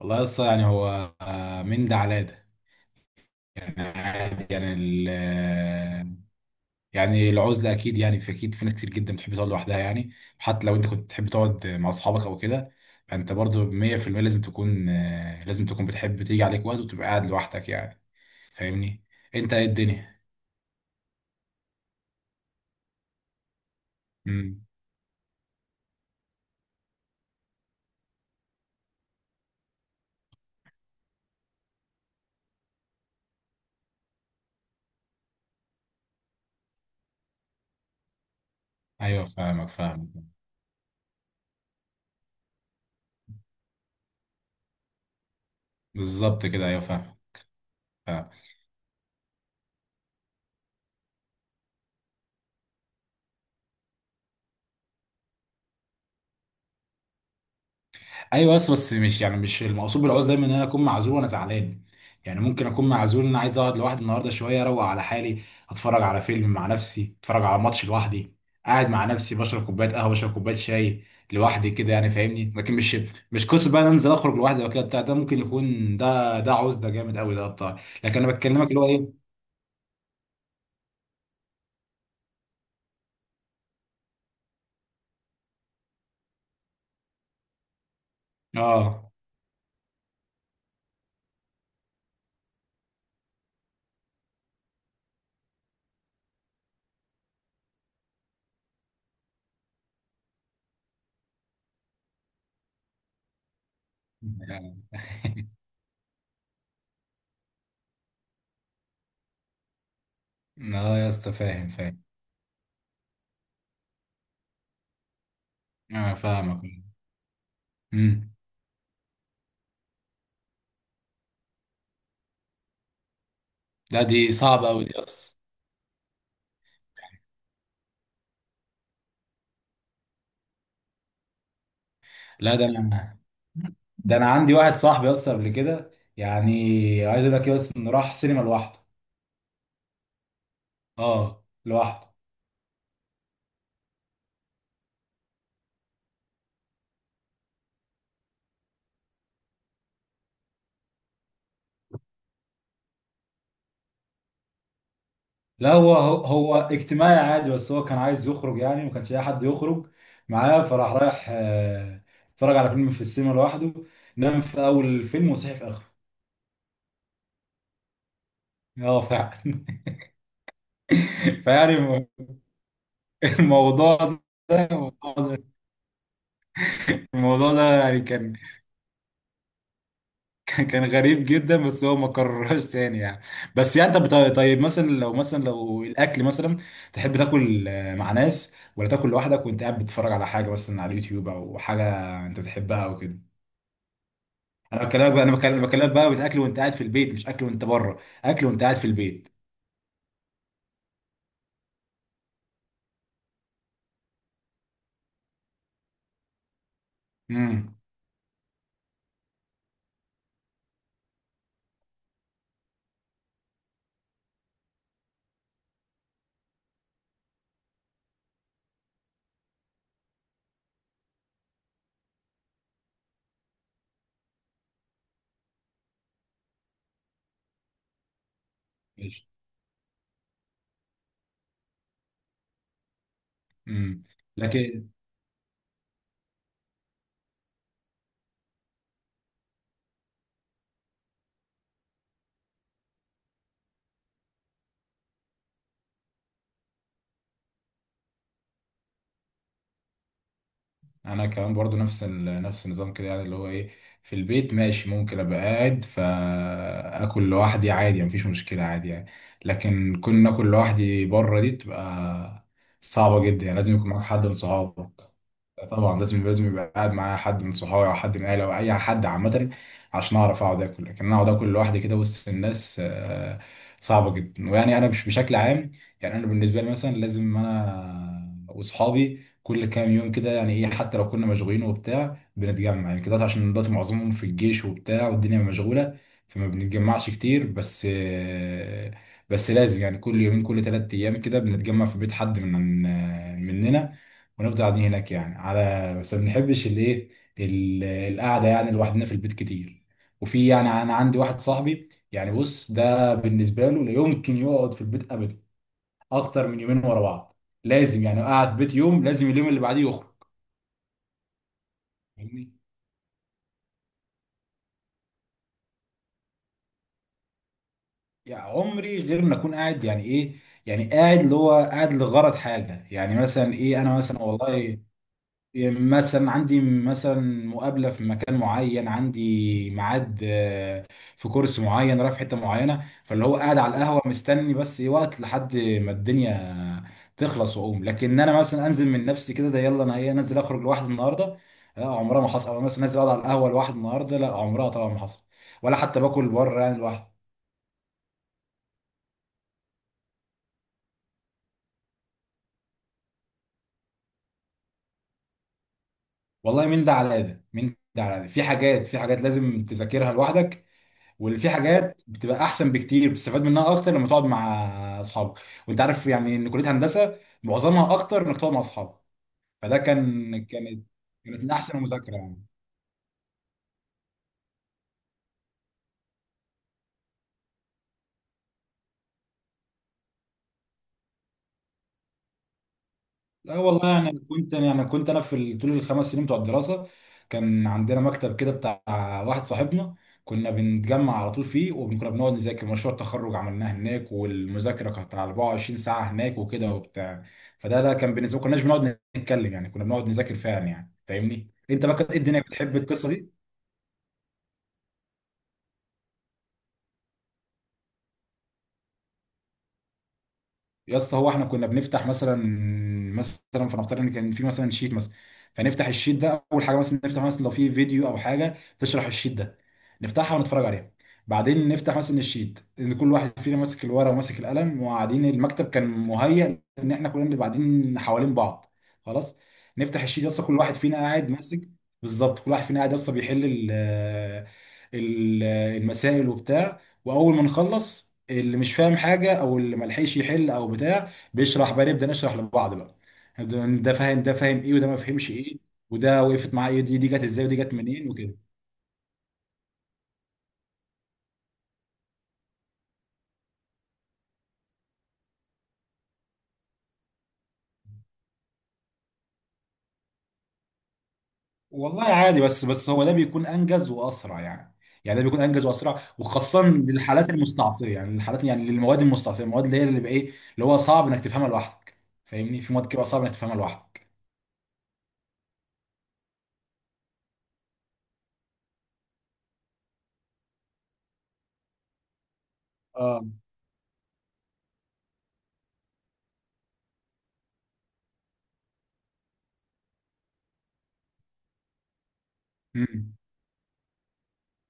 والله يا اسطى، يعني هو من ده على ده. يعني عادي. يعني ال آه، يعني العزله. اكيد يعني في، اكيد في ناس كتير جدا بتحب تقعد لوحدها يعني. حتى لو انت كنت بتحب تقعد مع اصحابك او كده، فانت برضو 100% لازم تكون لازم تكون بتحب تيجي عليك وقت وتبقى قاعد لوحدك يعني. فاهمني؟ انت ايه الدنيا؟ امم. ايوه، فاهمك فاهمك. بالظبط كده، ايوه فاهمك. فاهمك. ايوه، بس مش يعني، مش المقصود بالعوز دايما ان انا اكون معزول وانا زعلان. يعني ممكن اكون معزول، ان انا عايز اقعد لوحدي النهارده شويه، اروق على حالي. اتفرج على فيلم مع نفسي، اتفرج على ماتش لوحدي، قاعد مع نفسي بشرب كوبايه قهوه، بشرب كوبايه شاي لوحدي كده يعني، فاهمني؟ لكن مش قصه بقى إن أنا انزل اخرج لوحدي وكده بتاع. ده ممكن يكون ده عوز ده جامد قوي ده بتاع، لكن انا بكلمك اللي هو ايه. اه. اه يا اسطى، فاهم فاهم. اه، فاهمك. امم. لا، دي صعبه قوي دي اصلا. لا، ده انا عندي واحد صاحبي اصلا قبل كده يعني، عايز اقول لك ايه، بس انه راح سينما لوحده. اه، لوحده. لا، هو هو اجتماعي عادي، بس هو كان عايز يخرج يعني، ما كانش لاقي حد يخرج معاه، فراح رايح اتفرج على فيلم في السينما لوحده. نام في اول الفيلم وصحي في اخره. اه فعلا. فيعني الموضوع ده، الموضوع ده يعني كان، كان غريب جدا، بس هو ما كررهاش تاني يعني. بس يعني طب طيب طيب، مثلا لو الاكل مثلا، تحب تاكل مع ناس، ولا تاكل لوحدك وانت قاعد بتتفرج على حاجه مثلا على اليوتيوب، او حاجه انت بتحبها او كده؟ انا بكلمك بقى، بكلمك بقى من اكل وانت قاعد في البيت، مش اكل وانت بره، اكل وانت قاعد في البيت. امم. ماشي. امم. لكن انا كمان برضو نفس نفس النظام كده، يعني اللي هو ايه، في البيت ماشي، ممكن ابقى قاعد فاكل لوحدي عادي، مفيش مشكله عادي يعني. لكن كون اكل لوحدي بره، دي بتبقى صعبه جدا يعني. لازم يكون معاك حد من صحابك. طبعا، لازم يبقى قاعد معايا حد من صحابي، او حد من اهلي، او اي حد عامه، عشان اعرف اقعد اكل. لكن انا اقعد اكل لوحدي كده وسط الناس صعبه جدا. ويعني انا مش بشكل عام، يعني انا بالنسبه لي مثلا، لازم انا واصحابي كل كام يوم كده يعني ايه، حتى لو كنا مشغولين وبتاع بنتجمع يعني كده. عشان دلوقتي معظمهم في الجيش وبتاع، والدنيا مشغولة، فما بنتجمعش كتير. بس لازم يعني كل يومين كل ثلاث ايام كده بنتجمع في بيت حد من آه، مننا، ونفضل قاعدين هناك يعني. على بس ما بنحبش الايه، القعدة يعني لوحدنا في البيت كتير. وفي يعني، انا عندي واحد صاحبي يعني، بص، ده بالنسبة له لا يمكن يقعد في البيت اكتر من يومين ورا بعض. لازم يعني اقعد في بيت يوم، لازم اليوم اللي بعديه يخرج. فاهمني؟ يعني عمري غير ما اكون قاعد يعني ايه، يعني قاعد اللي هو قاعد لغرض حاجه. يعني مثلا ايه، انا مثلا والله، مثلا عندي مثلا مقابلة في مكان معين، عندي ميعاد في كورس معين، رايح في حتة معينة، فاللي هو قاعد على القهوة مستني بس إيه وقت لحد ما الدنيا تخلص واقوم. لكن انا مثلا انزل من نفسي كده، ده يلا انا ايه انزل اخرج لوحدي النهارده، لا عمرها ما حصل. او مثلا نازل اقعد على القهوة لوحدي النهارده، لا عمرها طبعا ما حصل. ولا حتى باكل بره يعني لوحدي. والله، من ده على ده، من ده على ده. في حاجات، في حاجات لازم تذاكرها لوحدك، واللي في حاجات بتبقى احسن بكتير، بتستفاد منها اكتر لما تقعد مع اصحابك. وانت عارف يعني ان كليه هندسه معظمها اكتر انك تقعد مع اصحابك، فده كانت كانت من احسن المذاكره يعني. لا والله، يعني كنت انا في طول الخمس سنين بتوع الدراسه، كان عندنا مكتب كده بتاع واحد صاحبنا، كنا بنتجمع على طول فيه، وكنا بنقعد نذاكر. مشروع التخرج عملناه هناك، والمذاكره كانت على 24 ساعه هناك وكده وبتاع. فده لا، كان بالنسبه ما كناش بنقعد نتكلم يعني، كنا بنقعد نذاكر فعلا يعني، فاهمني؟ انت بقى كانت إيه الدنيا بتحب القصه دي؟ يا اسطى، هو احنا كنا بنفتح مثلا، مثلا فنفترض ان كان في مثلا شيت مثلا، فنفتح الشيت ده. اول حاجه مثلا نفتح مثلا لو في فيديو او حاجه تشرح الشيت ده، نفتحها ونتفرج عليها. بعدين نفتح مثلا الشيت، ان كل واحد فينا ماسك الورقه وماسك القلم وقاعدين. المكتب كان مهيأ ان احنا كلنا نبقى قاعدين حوالين بعض. خلاص، نفتح الشيت يا اسطى، كل واحد فينا قاعد ماسك. بالظبط، كل واحد فينا قاعد يا اسطى بيحل ال- المسائل وبتاع. واول ما نخلص، اللي مش فاهم حاجه، او اللي ما لحقش يحل او بتاع بيشرح بقى، نبدا نشرح لبعض بقى. نبدأ ده فاهم، ده فاهم ايه، وده ما فهمش ايه، وده وقفت معاه ايه، دي جت ازاي، ودي جت منين، وكده. والله عادي، بس هو ده بيكون انجز واسرع يعني. يعني ده بيكون انجز واسرع، وخاصه للحالات المستعصيه يعني، الحالات يعني للمواد المستعصيه، المواد اللي هي، اللي بقى ايه، اللي هو صعب انك تفهمها لوحدك. فاهمني؟ في مواد كده صعب انك تفهمها لوحدك. اه. مم.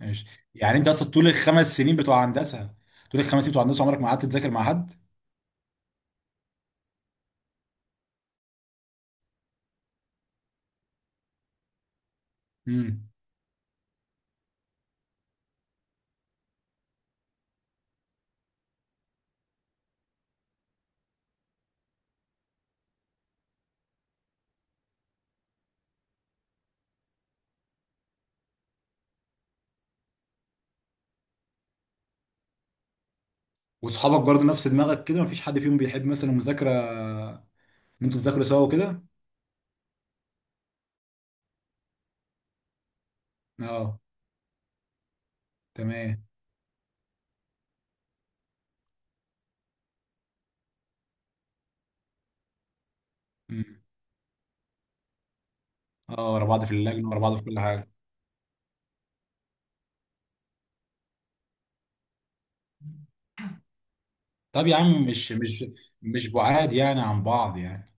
ماشي. يعني انت اصلا طول الخمس سنين بتوع هندسه، طول الخمس سنين بتوع هندسه عمرك ما قعدت تذاكر مع حد؟ امم. وصحابك برضه نفس دماغك كده؟ مفيش حد فيهم بيحب مثلا المذاكره ان انتوا تذاكروا سوا وكده؟ اه. تمام. امم. اه، ورا بعض في اللجنه، ورا بعض في كل حاجه. طب يا عم، مش بعاد يعني عن بعض يعني.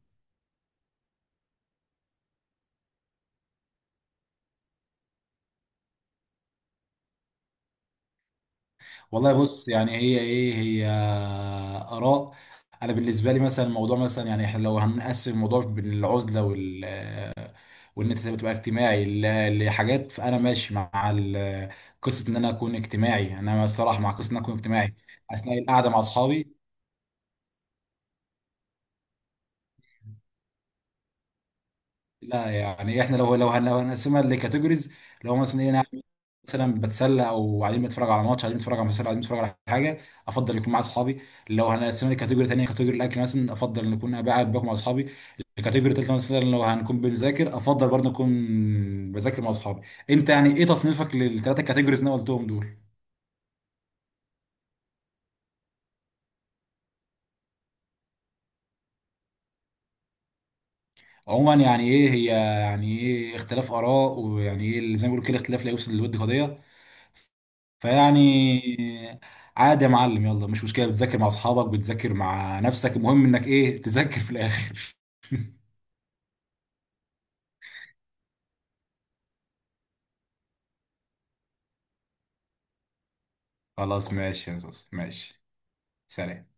والله بص، يعني هي ايه، هي اراء. انا بالنسبه لي مثلا، الموضوع مثلا يعني، احنا لو هنقسم الموضوع بين العزله وال آه، وان انت تبقى اجتماعي لحاجات، فانا ماشي مع قصه ان انا اكون اجتماعي. انا الصراحه مع قصه ان انا اكون اجتماعي اثناء القعده مع اصحابي. لا يعني احنا لو هنقسمها لكاتيجوريز، لو مثلا ايه، أنا قاعد مثلا بتسلى، او قاعدين بنتفرج على ماتش، قاعدين بنتفرج على مسلسل، قاعدين بنتفرج على حاجه، افضل يكون مع اصحابي. لو هنقسمها لكاتيجوري تانية، كاتيجوري الاكل مثلا، افضل ان اكون قاعد باكل مع اصحابي. الكاتيجوري التالتة مثلا، لو هنكون بنذاكر، افضل برضه نكون بذاكر مع اصحابي. انت يعني ايه تصنيفك للثلاثه كاتيجوريز اللي انا قلتهم دول؟ عموما يعني ايه هي، يعني ايه، اختلاف اراء، ويعني ايه اللي زي ما بيقولوا كده، اختلاف لا يوصل للود قضيه. فيعني عادي يا معلم، يلا مش مشكلة. بتذاكر مع أصحابك، بتذاكر مع نفسك، المهم إنك إيه، تذاكر في الآخر. خلاص، ماشي يا زوز، ماشي. سلام.